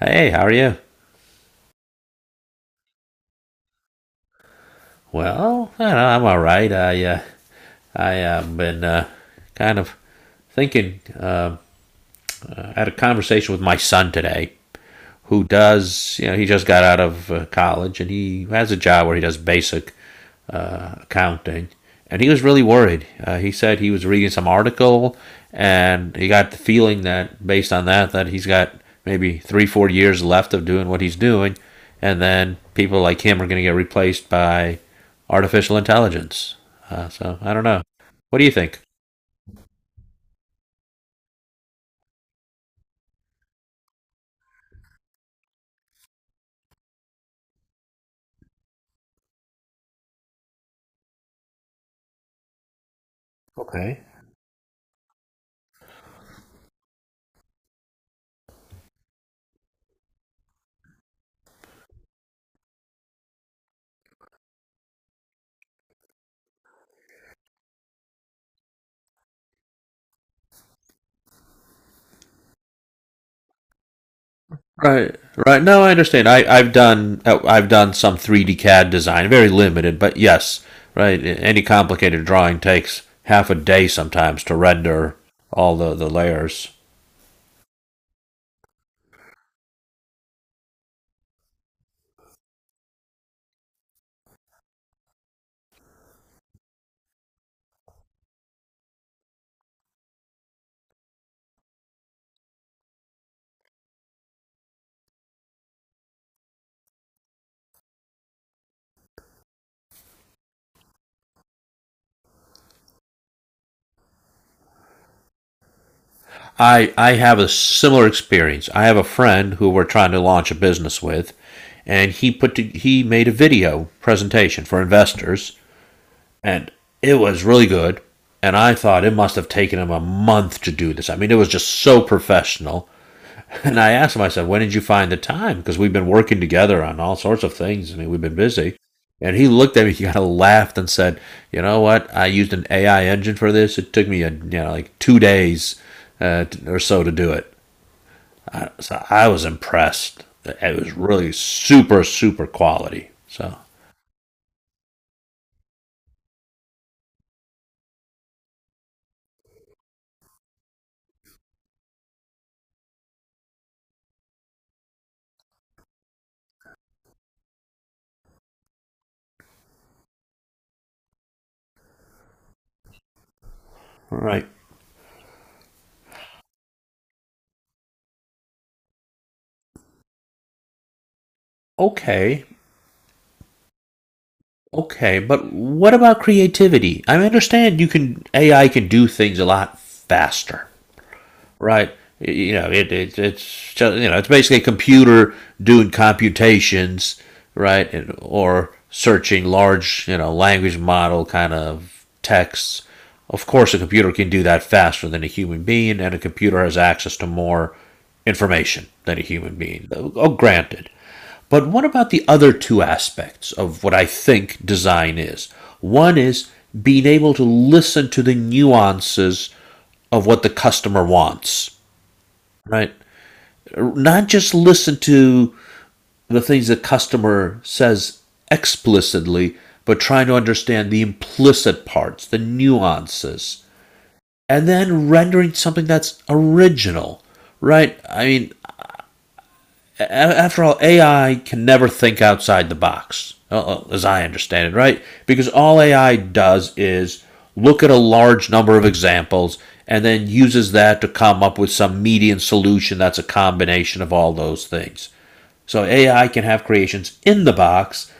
Hey, how are you? Well, I don't know, I'm all right. I have been kind of thinking. I had a conversation with my son today, who does, you know, he just got out of college and he has a job where he does basic accounting. And he was really worried. He said he was reading some article and he got the feeling that based on that he's got maybe 3, 4 years left of doing what he's doing. And then people like him are going to get replaced by artificial intelligence. So I don't know. What do you think? Okay. Right, right. No, I understand. I've done some 3D CAD design, very limited, but yes, right. Any complicated drawing takes half a day sometimes to render all the layers. I have a similar experience. I have a friend who we're trying to launch a business with, and he made a video presentation for investors, and it was really good. And I thought it must have taken him a month to do this. I mean, it was just so professional. And I asked him, I said, when did you find the time? Because we've been working together on all sorts of things. I mean, we've been busy. And he looked at me, he kind of laughed and said, you know what? I used an AI engine for this. It took me, like 2 days or so to do it. So I was impressed. It was really super, super quality. So, all right. Okay. Okay. But what about creativity? I understand AI can do things a lot faster, right? It's just, it's basically a computer doing computations, right? Or searching large language model kind of texts. Of course, a computer can do that faster than a human being, and a computer has access to more information than a human being. Oh, granted. But what about the other two aspects of what I think design is? One is being able to listen to the nuances of what the customer wants, right? Not just listen to the things the customer says explicitly, but trying to understand the implicit parts, the nuances, and then rendering something that's original, right? I mean, after all, AI can never think outside the box, as I understand it, right? Because all AI does is look at a large number of examples and then uses that to come up with some median solution that's a combination of all those things. So AI can have creations in the box,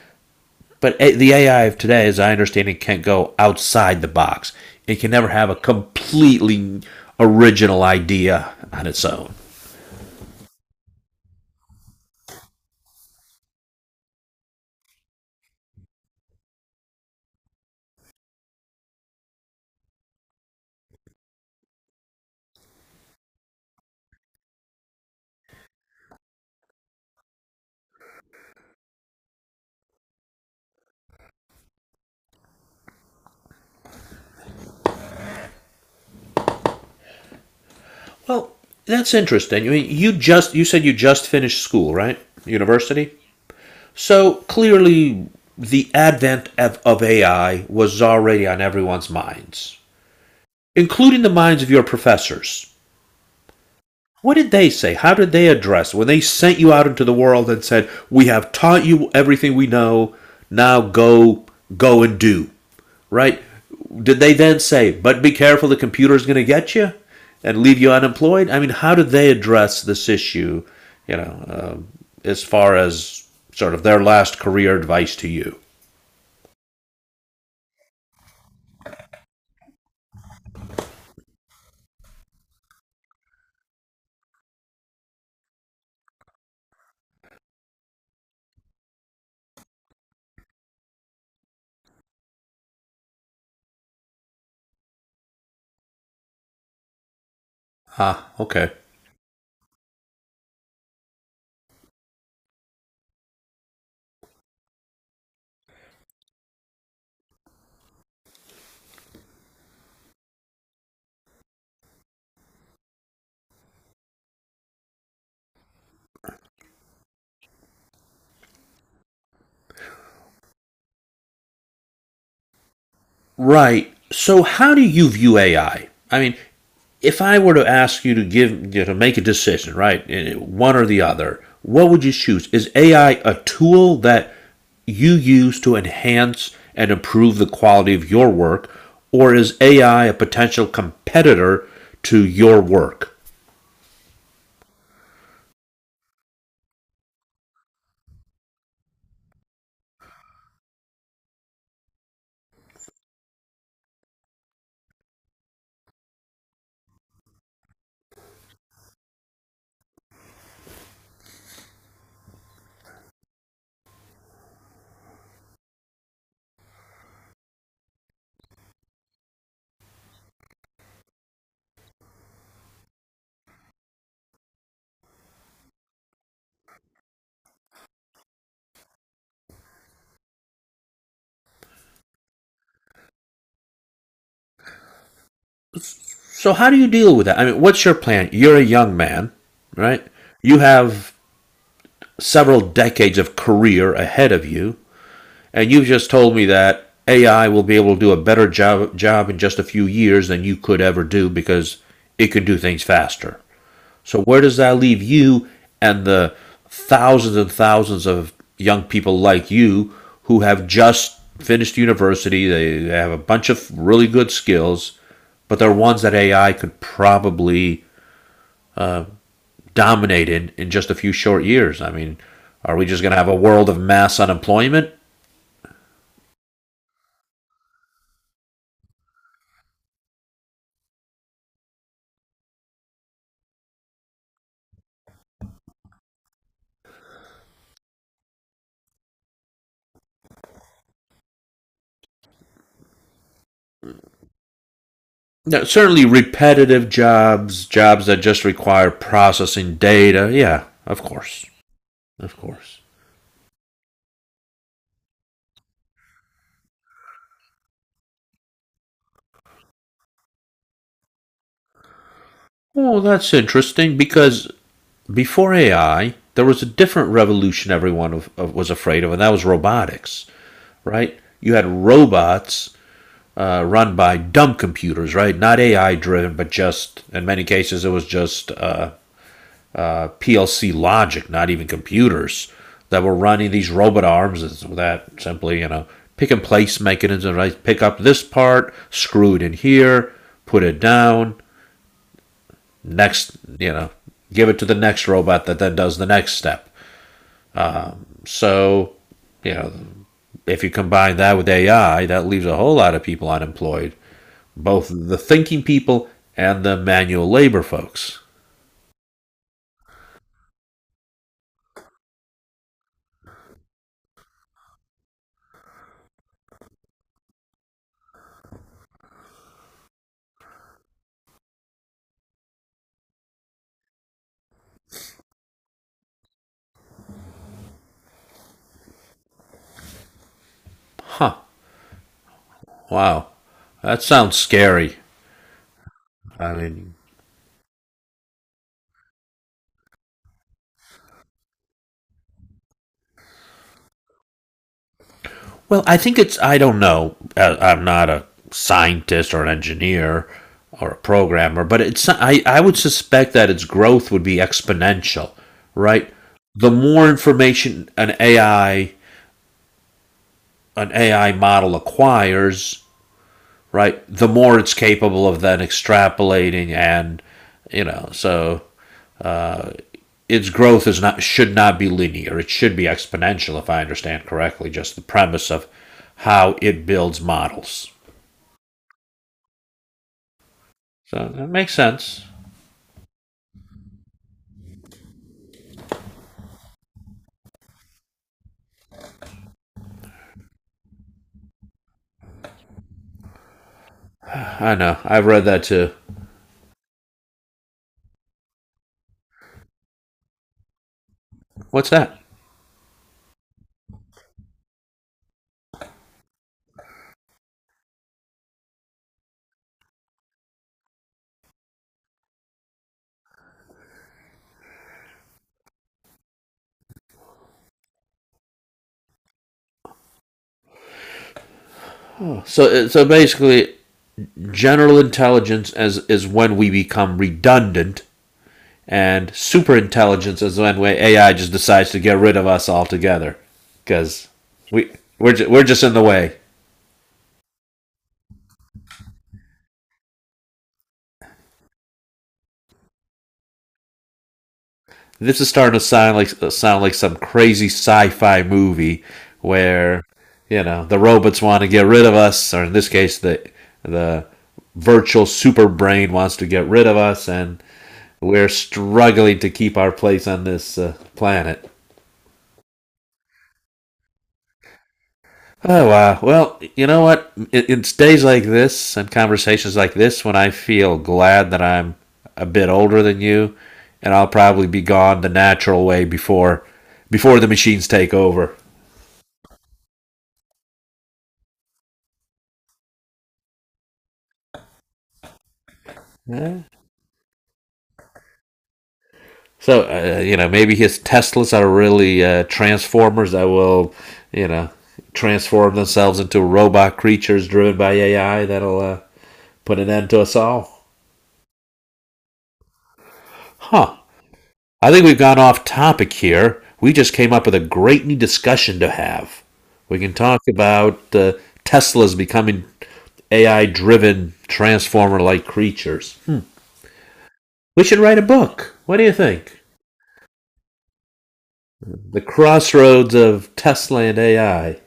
but the AI of today, as I understand it, can't go outside the box. It can never have a completely original idea on its own. Well, that's interesting. I mean, you said you just finished school, right? University. So clearly, the advent of AI was already on everyone's minds, including the minds of your professors. What did they say? How did they address when they sent you out into the world and said, "We have taught you everything we know. Now go, go and do." Right? Did they then say, but be careful, the computer's going to get you and leave you unemployed? I mean, how did they address this issue, you know, uh, as far as sort of their last career advice to you? Ah, okay. Right. So, how do you view AI? I mean, if I were to ask you to give to make a decision, right, one or the other, what would you choose? Is AI a tool that you use to enhance and improve the quality of your work, or is AI a potential competitor to your work? So, how do you deal with that? I mean, what's your plan? You're a young man, right? You have several decades of career ahead of you. And you've just told me that AI will be able to do a better job in just a few years than you could ever do because it can do things faster. So where does that leave you and the thousands and thousands of young people like you who have just finished university, they have a bunch of really good skills, but they're ones that AI could probably dominate in just a few short years. I mean, are we just going to have a world of mass unemployment? Now, certainly repetitive jobs, jobs that just require processing data. Yeah, of course. Of course. Well, that's interesting because before AI, there was a different revolution everyone was afraid of, and that was robotics, right? You had robots run by dumb computers, right? Not AI driven, but just, in many cases, it was just PLC logic, not even computers, that were running these robot arms that simply, pick and place mechanism, right? Pick up this part, screw it in here, put it down, next, give it to the next robot that then does the next step. So, you know, if you combine that with AI, that leaves a whole lot of people unemployed, both the thinking people and the manual labor folks. Huh, wow. That sounds scary. I mean, well, I think I don't know. I'm not a scientist or an engineer or a programmer, but I would suspect that its growth would be exponential, right? The more information an AI, an AI model acquires, right, the more it's capable of then extrapolating and, so its growth is not should not be linear. It should be exponential, if I understand correctly, just the premise of how it builds models. So that makes sense. I know. I've read that too. What's that? So basically, general intelligence as is when we become redundant, and super intelligence is when AI just decides to get rid of us altogether because we we're just in the way. This is starting to sound like some crazy sci-fi movie where the robots want to get rid of us, or in this case, the virtual super brain wants to get rid of us, and we're struggling to keep our place on this planet. Oh, wow. Well, you know what? It's days like this and conversations like this when I feel glad that I'm a bit older than you, and I'll probably be gone the natural way before the machines take over. So, maybe his Teslas are really transformers that will, you know, transform themselves into robot creatures driven by AI that'll put an end to us all. Huh. I think we've gone off topic here. We just came up with a great new discussion to have. We can talk about Tesla's becoming AI driven, transformer like creatures. Hmm. We should write a book. What do you think? The crossroads of Tesla and AI.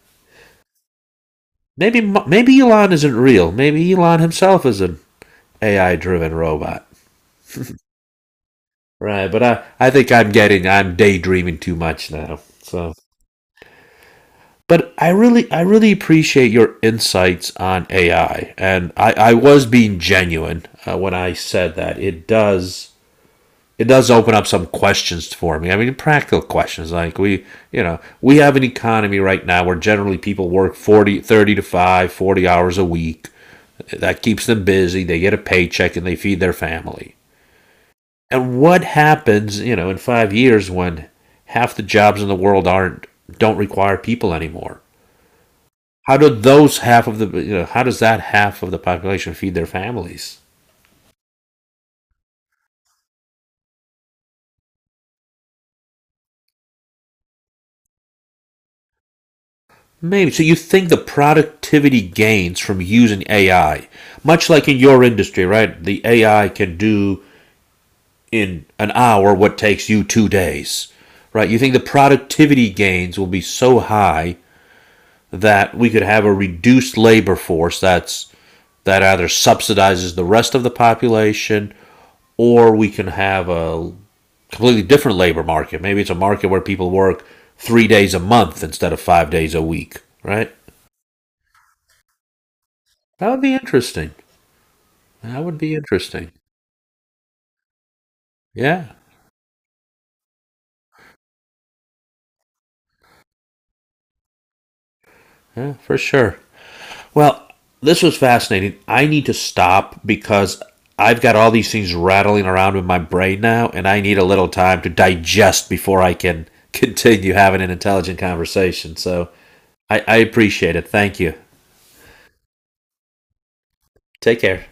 Maybe Elon isn't real. Maybe Elon himself is an AI driven robot. Right, but I think I'm daydreaming too much now. So but I really appreciate your insights on AI, and I was being genuine when I said that it does open up some questions for me. I mean, practical questions like we you know we have an economy right now where generally people work 40, 30 to 5, 40 hours a week. That keeps them busy. They get a paycheck and they feed their family. And what happens in 5 years when half the jobs in the world aren't don't require people anymore? How do those half of the how does that half of the population feed their families? Maybe so. You think the productivity gains from using AI, much like in your industry, right? The AI can do in an hour what takes you 2 days, right? You think the productivity gains will be so high that we could have a reduced labor force that either subsidizes the rest of the population or we can have a completely different labor market. Maybe it's a market where people work 3 days a month instead of 5 days a week, right? That would be interesting. That would be interesting. Yeah, yeah, for sure. Well, this was fascinating. I need to stop because I've got all these things rattling around in my brain now, and I need a little time to digest before I can continue having an intelligent conversation. So I appreciate it. Thank you. Take care.